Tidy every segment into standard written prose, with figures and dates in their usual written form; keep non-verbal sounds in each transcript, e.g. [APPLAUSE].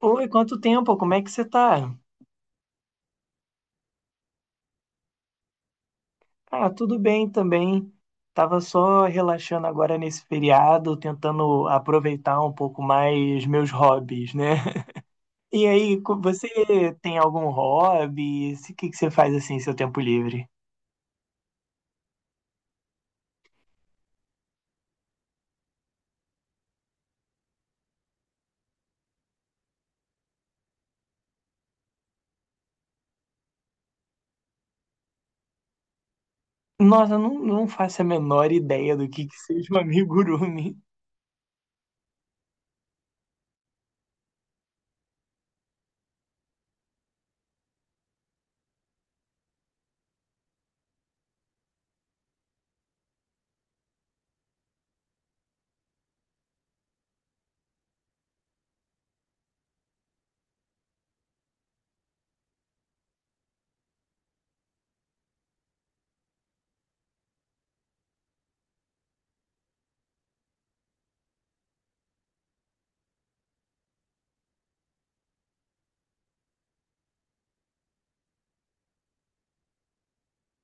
Oi, quanto tempo? Como é que você tá? Ah, tudo bem também. Tava só relaxando agora nesse feriado, tentando aproveitar um pouco mais meus hobbies, né? [LAUGHS] E aí, você tem algum hobby? O que que você faz assim em seu tempo livre? Nossa, eu não faço a menor ideia do que seja um amigurumi.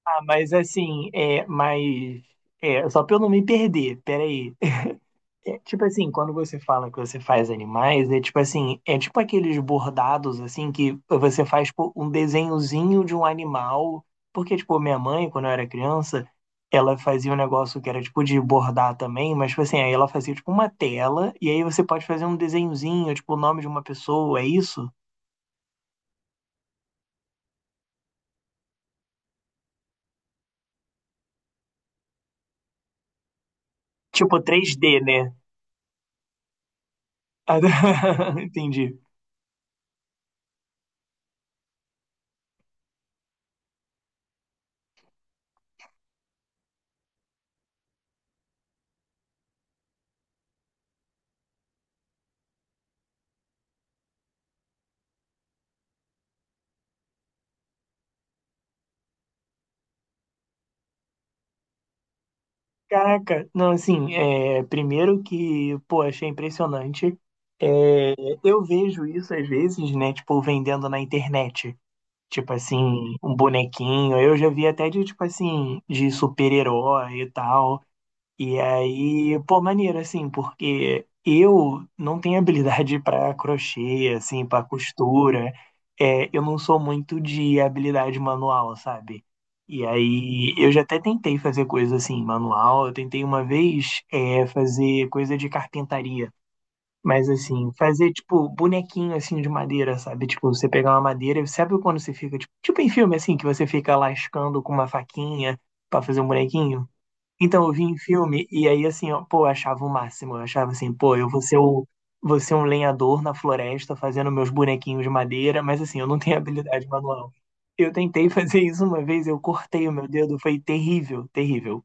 Ah, mas assim, mas só pra eu não me perder, peraí. Tipo assim, quando você fala que você faz animais, é tipo assim, é tipo aqueles bordados assim que você faz pô, um desenhozinho de um animal, porque tipo, minha mãe, quando eu era criança, ela fazia um negócio que era tipo de bordar também, mas tipo assim, aí ela fazia tipo uma tela e aí você pode fazer um desenhozinho, tipo o nome de uma pessoa, é isso? Tipo 3D, né? [LAUGHS] Entendi. Caraca, não, assim, primeiro que, pô, achei impressionante. Eu vejo isso às vezes, né? Tipo, vendendo na internet. Tipo assim, um bonequinho. Eu já vi até de, tipo assim, de super-herói e tal. E aí, pô, maneiro, assim, porque eu não tenho habilidade pra crochê, assim, pra costura. Eu não sou muito de habilidade manual, sabe? E aí, eu já até tentei fazer coisa assim, manual. Eu tentei uma vez, fazer coisa de carpintaria. Mas assim, fazer tipo bonequinho assim de madeira, sabe? Tipo, você pegar uma madeira, sabe quando você fica, tipo em filme assim, que você fica lascando com uma faquinha pra fazer um bonequinho? Então eu vi em filme e aí assim, ó, pô, eu achava o máximo, eu achava assim, pô, eu vou ser o vou ser um lenhador na floresta fazendo meus bonequinhos de madeira, mas assim, eu não tenho [LAUGHS] habilidade manual. Eu tentei fazer isso uma vez, eu cortei o meu dedo, foi terrível, terrível.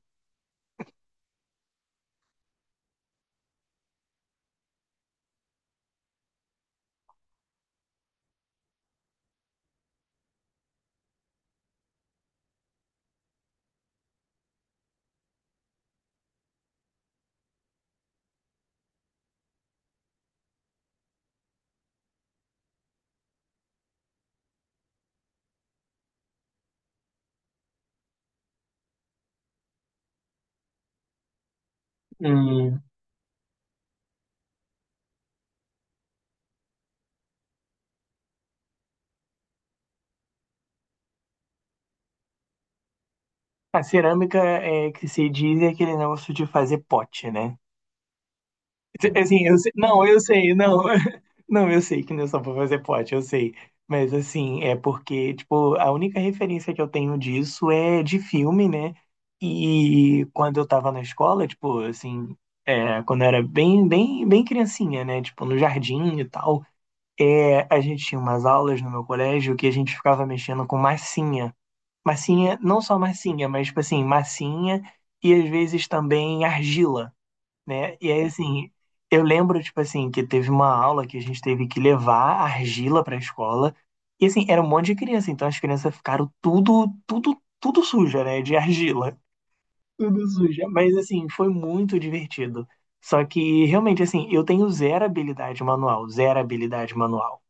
Hum. A cerâmica é que se diz é aquele negócio de fazer pote, né? Assim, eu sei, não, eu sei, não. [LAUGHS] Não, eu sei que não é só pra fazer pote, eu sei. Mas assim, é porque, tipo, a única referência que eu tenho disso é de filme, né? E quando eu tava na escola, tipo, assim, quando eu era bem, bem, bem criancinha, né? Tipo, no jardim e tal, a gente tinha umas aulas no meu colégio que a gente ficava mexendo com massinha. Massinha, não só massinha, mas, tipo assim, massinha e às vezes também argila, né? E aí, assim, eu lembro, tipo assim, que teve uma aula que a gente teve que levar argila pra escola. E, assim, era um monte de criança, então as crianças ficaram tudo, tudo, tudo suja, né? De argila. Tudo suja. Mas, assim, foi muito divertido. Só que, realmente, assim, eu tenho zero habilidade manual, zero habilidade manual.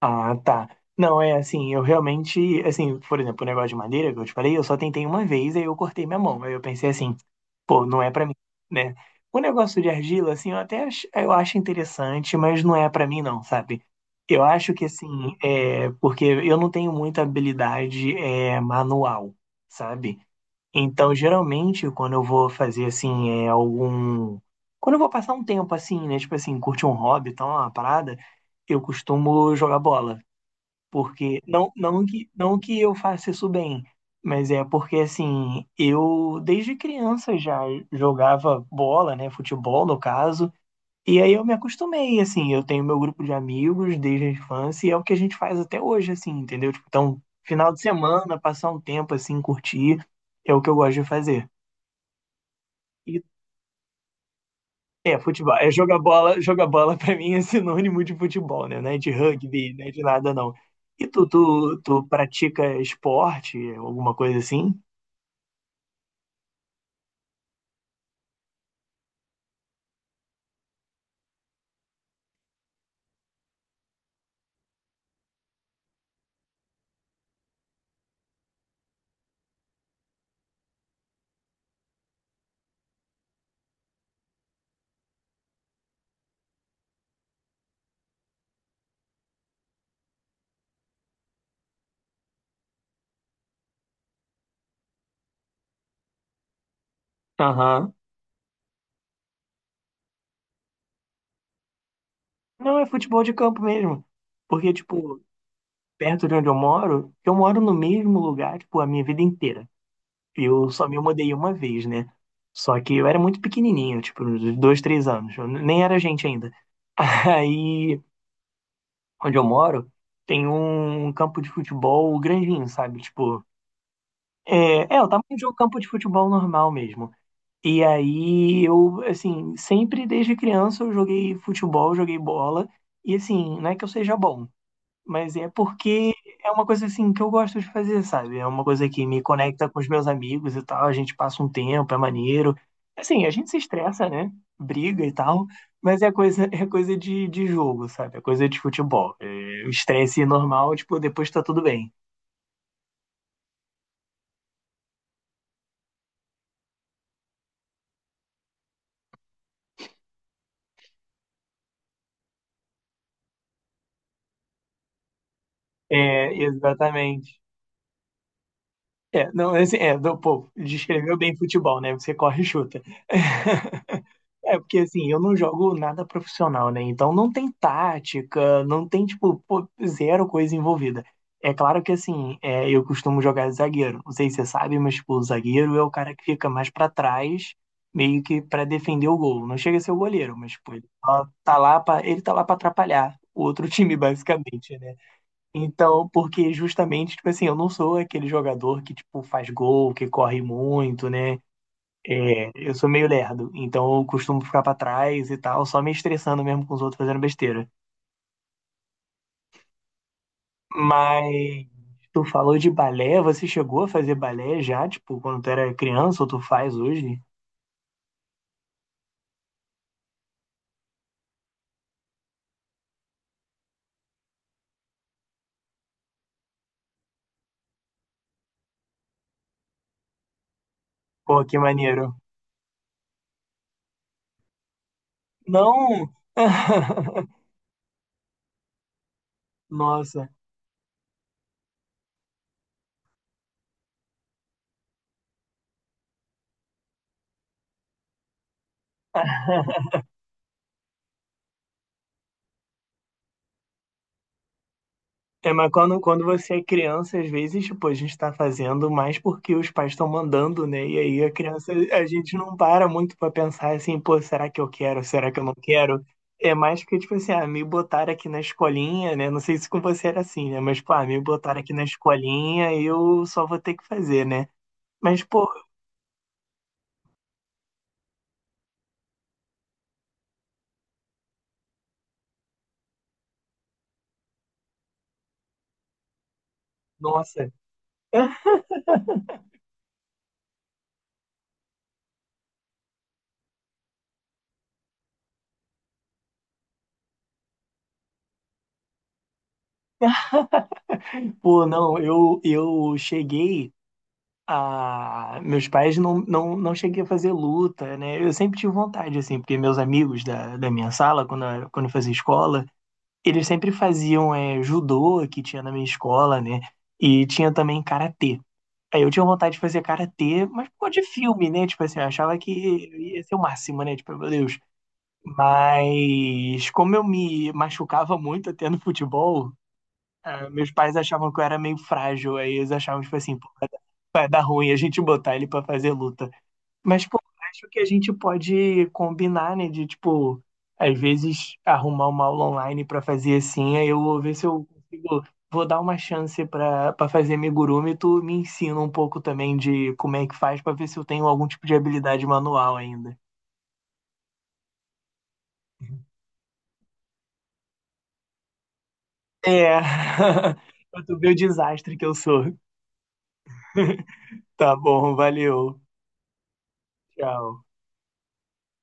Ah, tá. Não, é assim, eu realmente, assim, por exemplo, o negócio de madeira que eu te falei, eu só tentei uma vez, aí eu cortei minha mão. Aí eu pensei assim, pô, não é pra mim, né? O negócio de argila, assim, eu até eu acho interessante, mas não é pra mim não, sabe? Eu acho que assim, é porque eu não tenho muita habilidade manual, sabe? Então, geralmente, quando eu vou fazer assim, é algum. Quando eu vou passar um tempo assim, né? Tipo assim, curtir um hobby, tal, uma parada, eu costumo jogar bola. Porque não que eu faça isso bem, mas é porque assim, eu desde criança já jogava bola, né, futebol no caso, e aí eu me acostumei, assim, eu tenho meu grupo de amigos desde a infância e é o que a gente faz até hoje, assim, entendeu? Tipo, então, final de semana, passar um tempo assim, curtir, é o que eu gosto de fazer. E É, futebol. É jogar bola pra mim é sinônimo de futebol, né? Não é de rugby, não é de nada, não. E tu pratica esporte, alguma coisa assim? Aham. Não, é futebol de campo mesmo. Porque, tipo, perto de onde eu moro no mesmo lugar, tipo, a minha vida inteira. Eu só me mudei uma vez, né? Só que eu era muito pequenininho, tipo, uns 2, 3 anos. Eu nem era gente ainda. [LAUGHS] Aí, onde eu moro, tem um campo de futebol grandinho, sabe? Tipo, é o tamanho de um campo de futebol normal mesmo. E aí eu, assim, sempre desde criança eu joguei futebol, joguei bola. E assim, não é que eu seja bom, mas é porque é uma coisa assim que eu gosto de fazer, sabe? É uma coisa que me conecta com os meus amigos e tal. A gente passa um tempo, é maneiro. Assim, a gente se estressa, né? Briga e tal. Mas é coisa de jogo, sabe? É coisa de futebol. O estresse normal, tipo, depois tá tudo bem. É, exatamente. Não, assim, pô, descreveu bem futebol, né? Você corre e chuta. [LAUGHS] Porque assim, eu não jogo nada profissional, né? Então não tem tática, não tem, tipo, pô, zero coisa envolvida. É claro que assim, eu costumo jogar de zagueiro. Não sei se você sabe, mas, tipo, o zagueiro é o cara que fica mais pra trás, meio que pra defender o gol. Não chega a ser o goleiro, mas, tipo, ele tá lá pra atrapalhar o outro [LAUGHS] time, basicamente, né? Então, porque justamente, tipo assim, eu não sou aquele jogador que, tipo, faz gol, que corre muito, né? Eu sou meio lerdo, então eu costumo ficar pra trás e tal, só me estressando mesmo com os outros fazendo besteira. Mas tu falou de balé, você chegou a fazer balé já, tipo, quando tu era criança ou tu faz hoje? Pô, que maneiro. Não! [LAUGHS] Nossa, mas quando você é criança, às vezes, tipo, a gente tá fazendo mais porque os pais estão mandando, né? E aí a criança, a gente não para muito pra pensar assim, pô, será que eu quero? Será que eu não quero? É mais que, tipo assim, ah, me botaram aqui na escolinha, né? Não sei se com você era assim, né? Mas, pô, ah, me botaram aqui na escolinha eu só vou ter que fazer, né? Mas, pô, nossa. [LAUGHS] Pô, não, eu cheguei. Ah, meus pais não cheguei a fazer luta, né? Eu sempre tive vontade, assim, porque meus amigos da minha sala, quando eu fazia escola, eles sempre faziam judô, que tinha na minha escola, né? E tinha também karatê. Aí eu tinha vontade de fazer karatê, mas por causa de filme, né? Tipo assim, eu achava que ia ser o máximo, né? Tipo, meu Deus. Mas como eu me machucava muito até no futebol, meus pais achavam que eu era meio frágil, aí eles achavam, tipo assim, pô, vai dar ruim a gente botar ele pra fazer luta. Mas, pô, acho que a gente pode combinar, né, de, tipo, às vezes arrumar uma aula online pra fazer assim, aí eu vou ver se eu consigo, vou dar uma chance pra para fazer amigurumi, tu me ensina um pouco também de como é que faz pra ver se eu tenho algum tipo de habilidade manual ainda. É, [LAUGHS] pra tu ver o desastre que eu sou. Tá bom, valeu, tchau.